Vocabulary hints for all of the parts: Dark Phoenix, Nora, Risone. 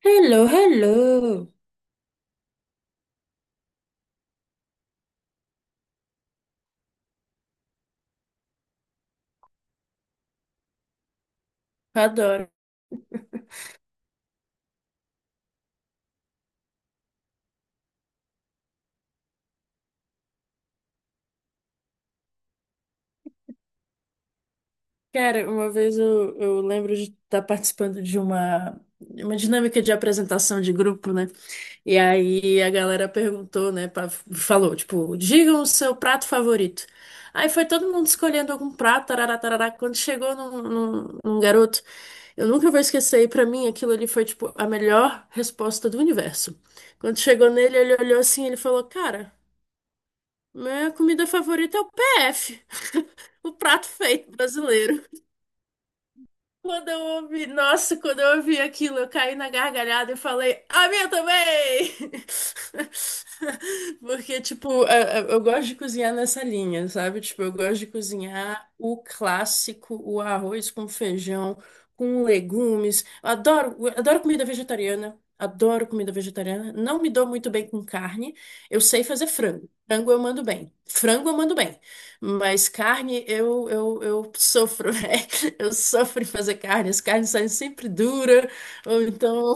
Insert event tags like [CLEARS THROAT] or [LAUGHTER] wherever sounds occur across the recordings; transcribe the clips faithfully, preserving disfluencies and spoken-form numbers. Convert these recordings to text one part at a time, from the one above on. Hello, hello! Adoro. Cara, uma vez eu, eu lembro de estar participando de uma, uma dinâmica de apresentação de grupo, né? E aí a galera perguntou, né? pra- falou, tipo, digam o seu prato favorito. Aí foi todo mundo escolhendo algum prato, tarará, tarará. Quando chegou num, num, num garoto, eu nunca vou esquecer, e pra mim aquilo ali foi, tipo, a melhor resposta do universo. Quando chegou nele, ele olhou assim, ele falou, cara, minha comida favorita é o P F. O prato feito brasileiro. Quando eu ouvi, nossa, quando eu ouvi aquilo, eu caí na gargalhada e falei, a minha também! [LAUGHS] Porque, tipo, a- a- eu gosto de cozinhar nessa linha, sabe? Tipo, eu gosto de cozinhar o clássico, o arroz com feijão, com legumes. Eu adoro, eu adoro comida vegetariana. Adoro comida vegetariana. Não me dou muito bem com carne. Eu sei fazer frango. Frango eu mando bem. Frango eu mando bem. Mas carne, eu, eu, eu sofro, [LAUGHS] né? Eu sofro em fazer carne. As carnes saem sempre dura, ou então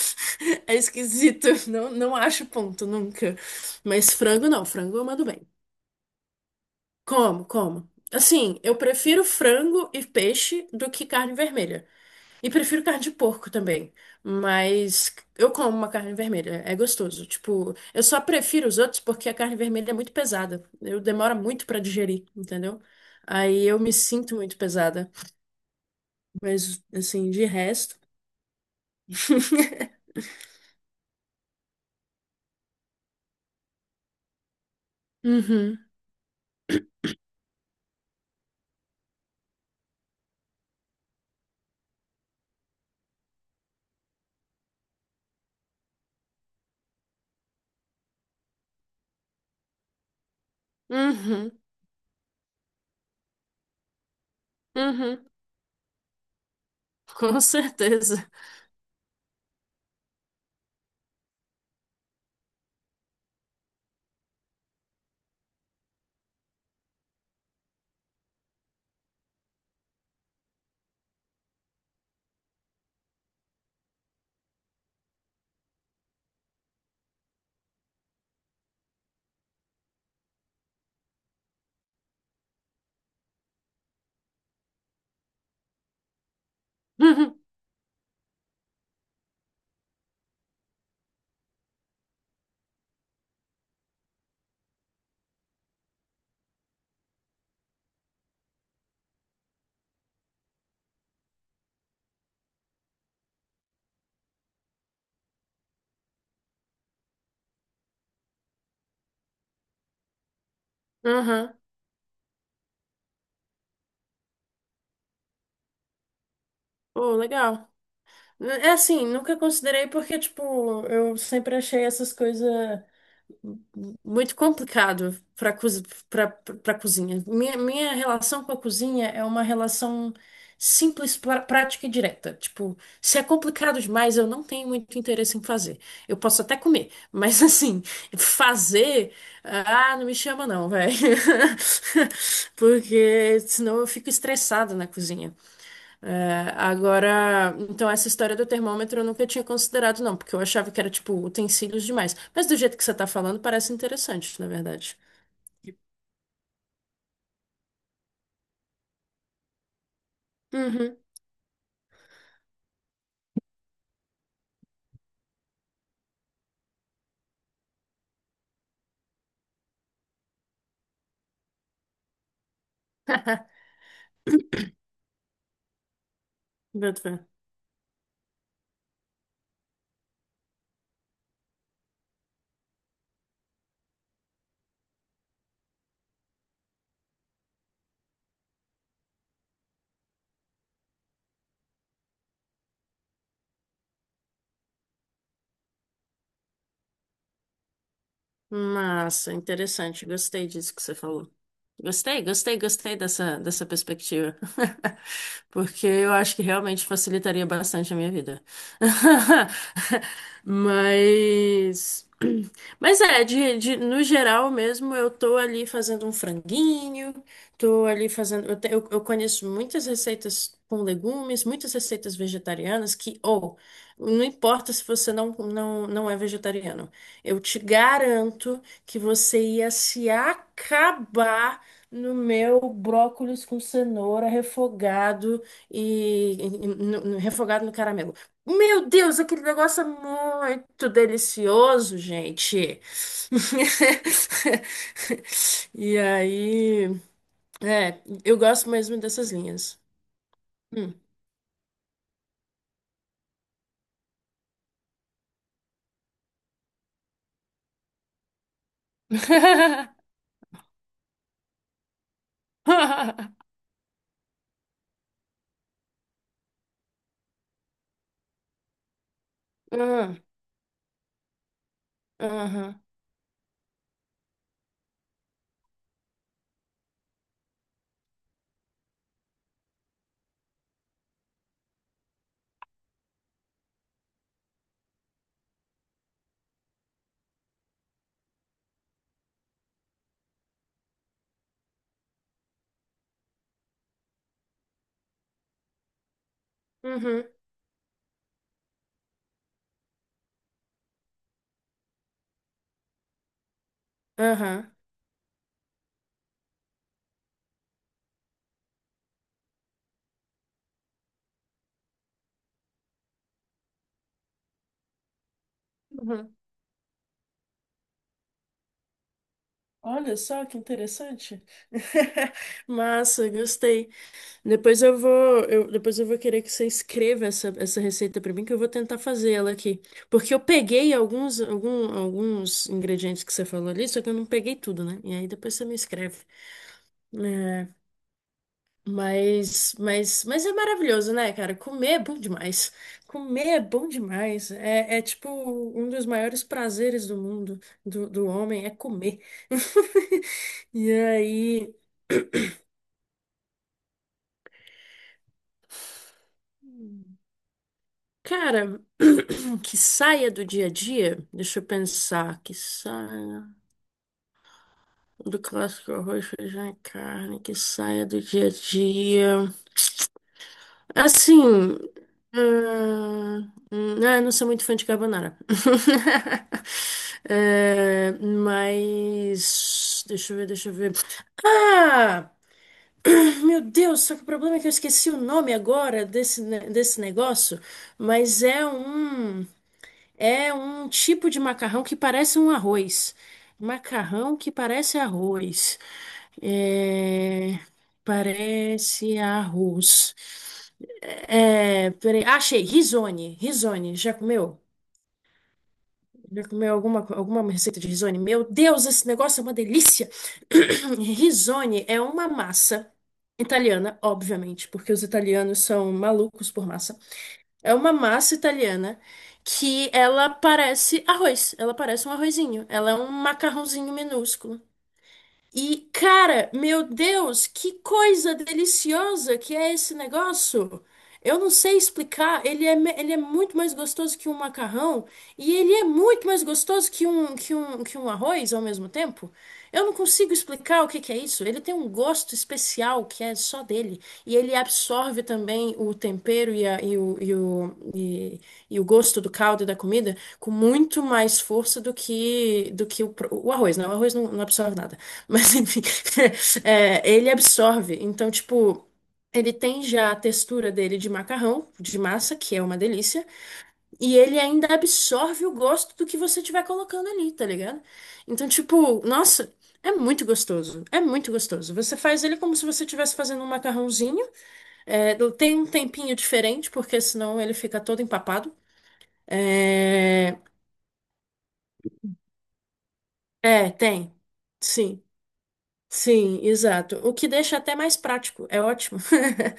[LAUGHS] é esquisito. Não, não acho ponto nunca. Mas frango não, frango eu mando bem. Como, como? Assim, eu prefiro frango e peixe do que carne vermelha. E prefiro carne de porco também, mas eu como uma carne vermelha, é gostoso. Tipo, eu só prefiro os outros porque a carne vermelha é muito pesada. Eu demora muito pra digerir, entendeu? Aí eu me sinto muito pesada, mas assim, de resto. [LAUGHS] Uhum, uhum, uhum, com certeza. Uhum, uhum. Pô, legal. É assim, nunca considerei porque, tipo, eu sempre achei essas coisas muito complicado para para cozinha. Minha, minha relação com a cozinha é uma relação simples, pra- prática e direta. Tipo, se é complicado demais, eu não tenho muito interesse em fazer. Eu posso até comer, mas [LAUGHS] assim, fazer, ah, não me chama não, velho. [LAUGHS] Porque senão eu fico estressada na cozinha. É, agora, então essa história do termômetro eu nunca tinha considerado, não, porque eu achava que era tipo utensílios demais. Mas do jeito que você tá falando, parece interessante, na verdade. Uhum. [LAUGHS] Boto fé. Massa, interessante. Gostei disso que você falou. Gostei, gostei, gostei dessa, dessa perspectiva. [LAUGHS] Porque eu acho que realmente facilitaria bastante a minha vida. [LAUGHS] Mas. [CLEARS THROAT] Mas é, de, de- no geral mesmo, eu tô ali fazendo um franguinho, tô ali fazendo. Eu, te- eu, eu conheço muitas receitas com legumes, muitas receitas vegetarianas que, ou, não importa se você não, não, não é vegetariano. Eu te garanto que você ia se acabar no meu brócolis com cenoura refogado e, e- e- no- no- refogado no caramelo. Meu Deus, aquele negócio é muito delicioso, gente. [LAUGHS] E aí, é, eu gosto mesmo dessas linhas. Hum. [LAUGHS] Hum, Aham, uhum, uhum. Olha só que interessante. [LAUGHS] Massa, gostei. Depois eu vou, eu- depois eu vou querer que você escreva essa, essa receita para mim, que eu vou tentar fazer ela aqui. Porque eu peguei alguns, algum- alguns ingredientes que você falou ali, só que eu não peguei tudo, né? E aí depois você me escreve. Mas, mas, mas é maravilhoso, né, cara? Comer é bom demais. Comer é bom demais. É, é tipo um dos maiores prazeres do mundo, do, do homem, é comer. [LAUGHS] E aí, cara, [CLEARS THROAT] que saia do dia a dia, deixa eu pensar, que saia do clássico arroz, feijão e carne, que saia do dia a dia. Assim. Hum, hum, ah, eu não sou muito fã de carbonara. [LAUGHS] É, mas. Deixa eu ver, deixa eu ver. Ah! Meu Deus, só que o problema é que eu esqueci o nome agora desse, ne- desse negócio. Mas é um. É um tipo de macarrão que parece um arroz. Macarrão que parece arroz. É, parece arroz. É... Peraí. Ah, achei. Risone. Risone. Já comeu? Já comeu alguma, alguma receita de risone? Meu Deus, esse negócio é uma delícia! [COUGHS] [CLEARS THROAT] Risone é uma massa italiana, obviamente, porque os italianos são malucos por massa. É uma massa italiana que ela parece arroz. Ela parece um arrozinho. Ela é um macarrãozinho minúsculo. E, cara, meu Deus, que coisa deliciosa que é esse negócio! Eu não sei explicar, ele é, me- ele é muito mais gostoso que um macarrão e ele é muito mais gostoso que um, que um, que um arroz ao mesmo tempo. Eu não consigo explicar o que que é isso. Ele tem um gosto especial que é só dele e ele absorve também o tempero e, a- e o, e, o, e, e o gosto do caldo e da comida com muito mais força do que, do que o, pro- o arroz, né? O arroz não não absorve nada. Mas enfim, [LAUGHS] é, ele absorve. Então, tipo, ele tem já a textura dele de macarrão, de massa, que é uma delícia, e ele ainda absorve o gosto do que você tiver colocando ali, tá ligado? Então, tipo, nossa, é muito gostoso. É muito gostoso. Você faz ele como se você estivesse fazendo um macarrãozinho. É, tem um tempinho diferente, porque senão ele fica todo empapado. É, é, tem. Sim. Sim, exato. O que deixa até mais prático, é ótimo. [LAUGHS]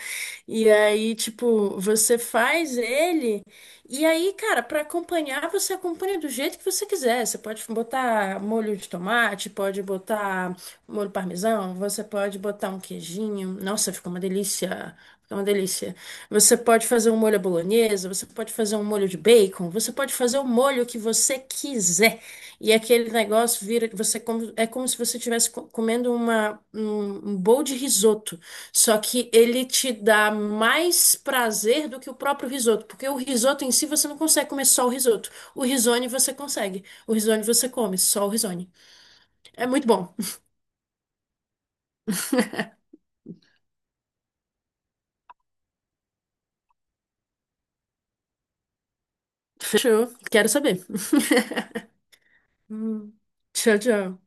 E aí, tipo, você faz ele, e aí, cara, para acompanhar, você acompanha do jeito que você quiser. Você pode botar molho de tomate, pode botar molho parmesão, você pode botar um queijinho. Nossa, fica uma delícia. Fica uma delícia. Você pode fazer um molho à bolonhesa, você pode fazer um molho de bacon, você pode fazer o molho que você quiser. E aquele negócio vira você como, é como se você estivesse co- comendo uma, um, um bowl de risoto. Só que ele te dá mais prazer do que o próprio risoto. Porque o risoto em si você não consegue comer só o risoto. O risone você consegue. O risone você come, só o risone. É muito bom. [LAUGHS] Fechou? Quero saber. [LAUGHS] Hum. Tchau, tchau.